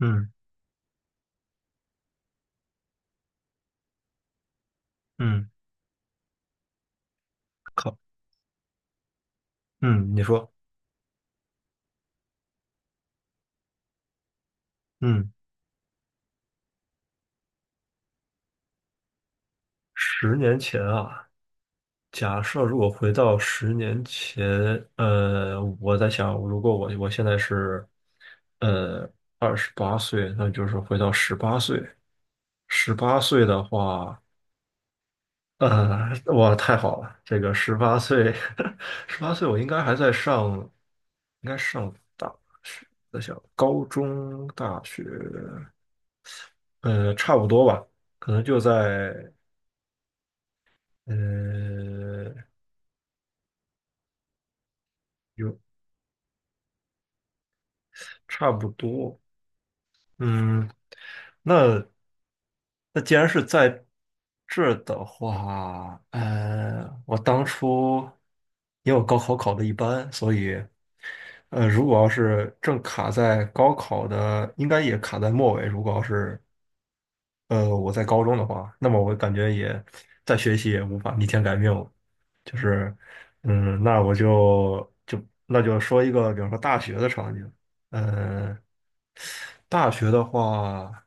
嗯嗯，靠。嗯，你说。嗯，十年前啊。假设如果回到十年前，我在想，如果我现在是，呃，28岁，那就是回到十八岁。十八岁的话。哇，太好了，这个十八岁。十八岁我应该还在上，应该上大学。在想高中、大学。差不多吧，可能就在。呃，有差不多。嗯，那那既然是在这儿的话，我当初因为我高考考的一般。所以如果要是正卡在高考的，应该也卡在末尾。如果要是我在高中的话，那么我感觉也再学习也无法逆天改命了，就是。嗯，那我就就那就说一个，比方说大学的场景。呃，大学的话，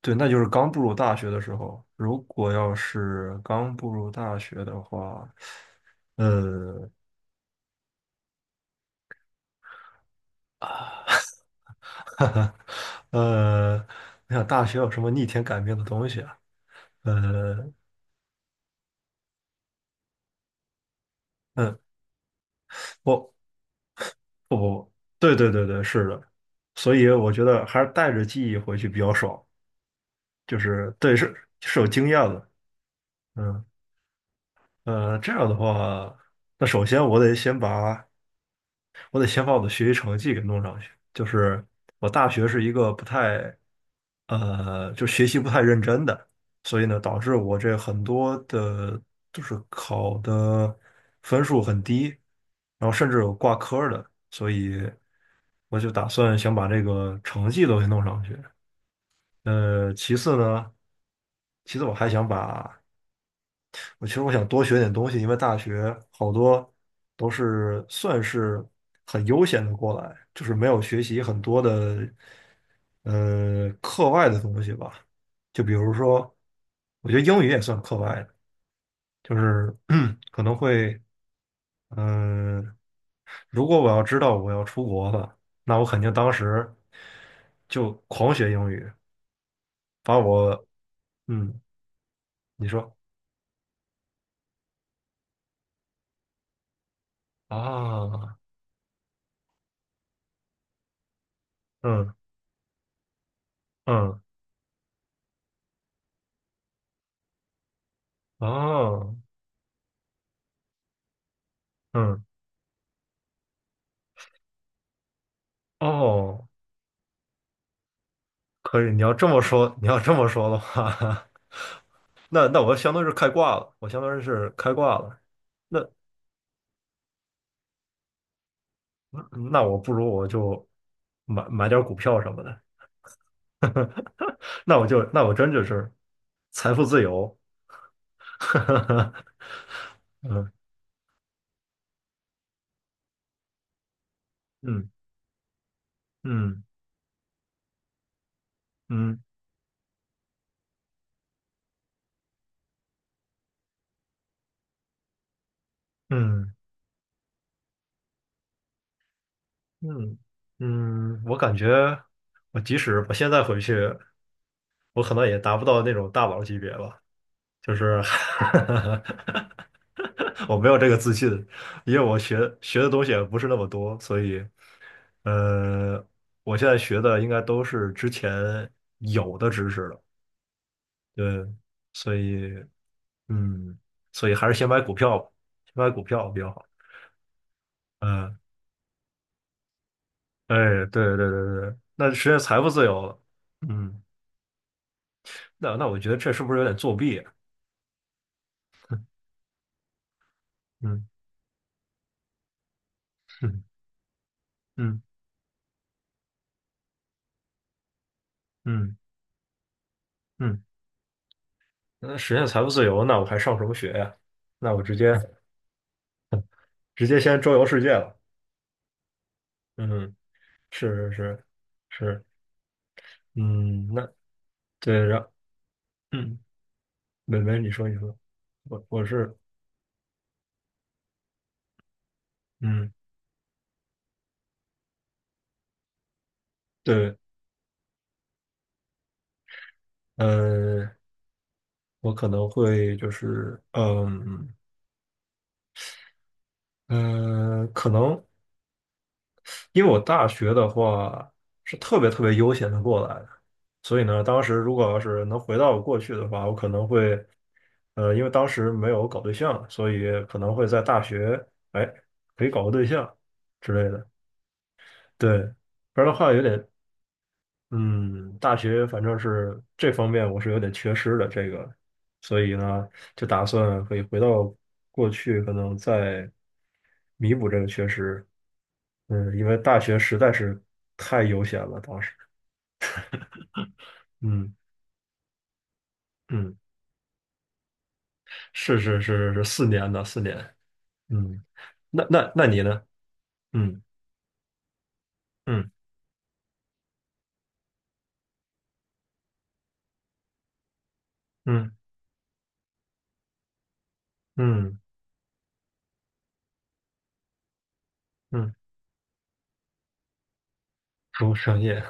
对，那就是刚步入大学的时候。如果要是刚步入大学的话，呃，哈哈。呃，我想大学有什么逆天改命的东西啊？呃，嗯。我。对对对对，是的。所以我觉得还是带着记忆回去比较爽，就是，对，是有经验的。嗯。这样的话，那首先我得先把我的学习成绩给弄上去。就是我大学是一个不太，就学习不太认真的。所以呢，导致我这很多的，就是考的分数很低。然后甚至有挂科儿的，所以我就打算想把这个成绩都给弄上去。其次呢，其次我还想把我其实我想多学点东西。因为大学好多都是算是很悠闲的过来，就是没有学习很多的课外的东西吧。就比如说，我觉得英语也算课外的，就是 可能会嗯、呃如果我要知道我要出国了，那我肯定当时就狂学英语。把我嗯，你说啊。嗯嗯啊。嗯，哦，可以。你要这么说的话，那我相当于是开挂了，我相当于是开挂了。那那我不如我就买点儿股票什么的。那我真就是财富自由。嗯嗯嗯嗯嗯嗯嗯。我感觉即使我现在回去，我可能也达不到那种大佬级别吧。就是 我没有这个自信。因为我学的东西也不是那么多，所以。呃，我现在学的应该都是之前有的知识了。对，所以，嗯，所以还是先买股票吧。先买股票比较好。嗯，哎，对对对对对。那实现财富自由了。嗯，那我觉得这是不是有点作弊啊。嗯嗯， 嗯嗯嗯。那实现财富自由，那我还上什么学呀？那我直接先周游世界了。嗯，是是是是。嗯，那对，然后，嗯，美美，你说你说。我是，嗯，对。呃，我可能会，就是，可能因为我大学的话是特别特别悠闲的过来的。所以呢，当时如果要是能回到我过去的话，我可能会。因为当时没有搞对象，所以可能会在大学，哎，可以搞个对象之类的。对，不然的话有点。嗯，大学反正是这方面我是有点缺失的这个。所以呢，就打算可以回到过去，可能再弥补这个缺失。嗯，因为大学实在是太悠闲了，当时。嗯嗯，是是是是四年的四年。嗯，那你呢？嗯嗯嗯嗯嗯。服务商业。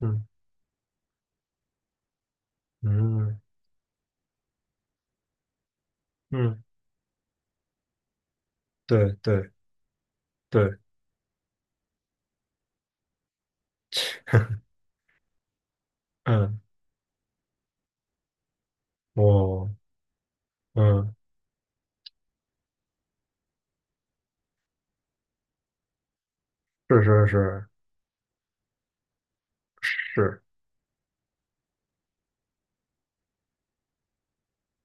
嗯嗯嗯，对对对，嗯。我嗯是是是。是，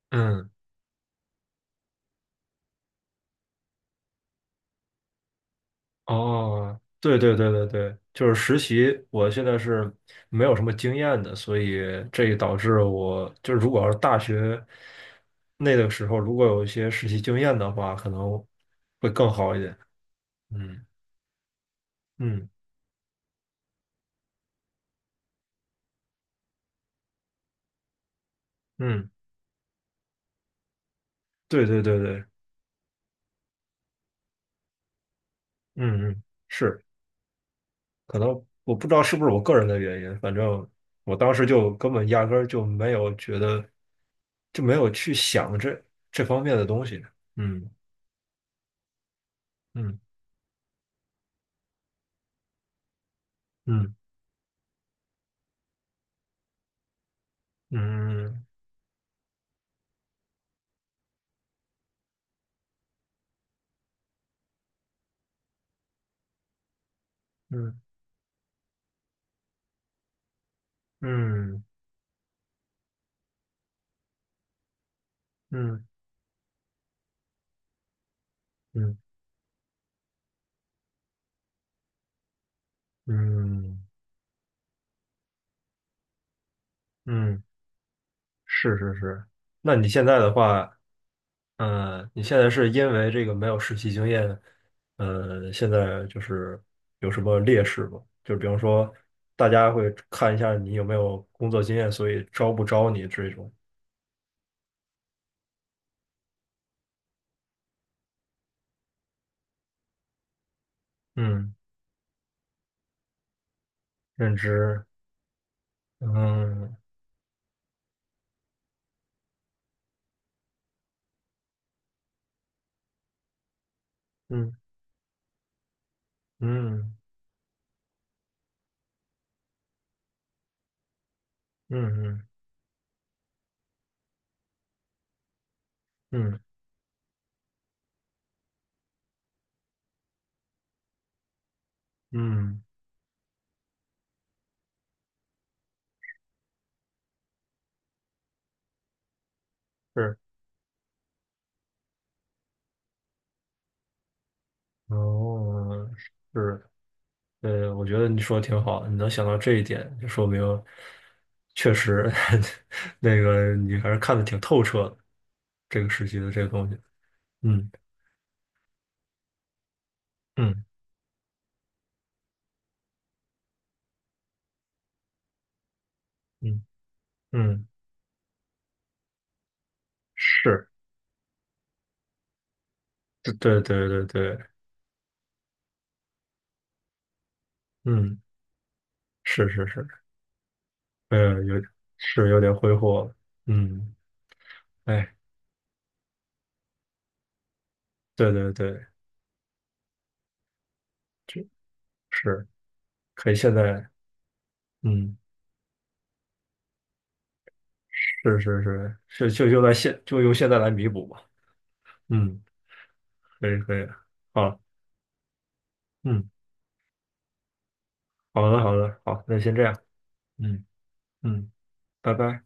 嗯，哦，对对对对对。就是实习，我现在是没有什么经验的。所以这也导致我就是，如果要是大学那个时候，如果有一些实习经验的话，可能会更好一点。嗯嗯嗯，对对对对，嗯嗯，是。可能我不知道是不是我个人的原因，反正我当时就根本压根儿就没有觉得，就没有去想这方面的东西。嗯嗯。嗯嗯嗯嗯嗯嗯嗯嗯，是是是。那你现在的话，你现在是因为这个没有实习经验，现在就是有什么劣势吗？就比方说，大家会看一下你有没有工作经验，所以招不招你这种。嗯，认知。嗯嗯嗯嗯嗯嗯嗯，嗯是，哦，是。我觉得你说的挺好的，你能想到这一点，就说明确实。 那个你还是看的挺透彻的，这个时期的这个东西。嗯嗯嗯嗯，是。对对对对对，嗯，是是是。呃，有是有点挥霍了。嗯，哎，对对对，就是可以现在。嗯，是是是，是。就用现在来弥补吧。嗯，可以可以，好，嗯，好的好的，好，那先这样。嗯嗯，拜拜。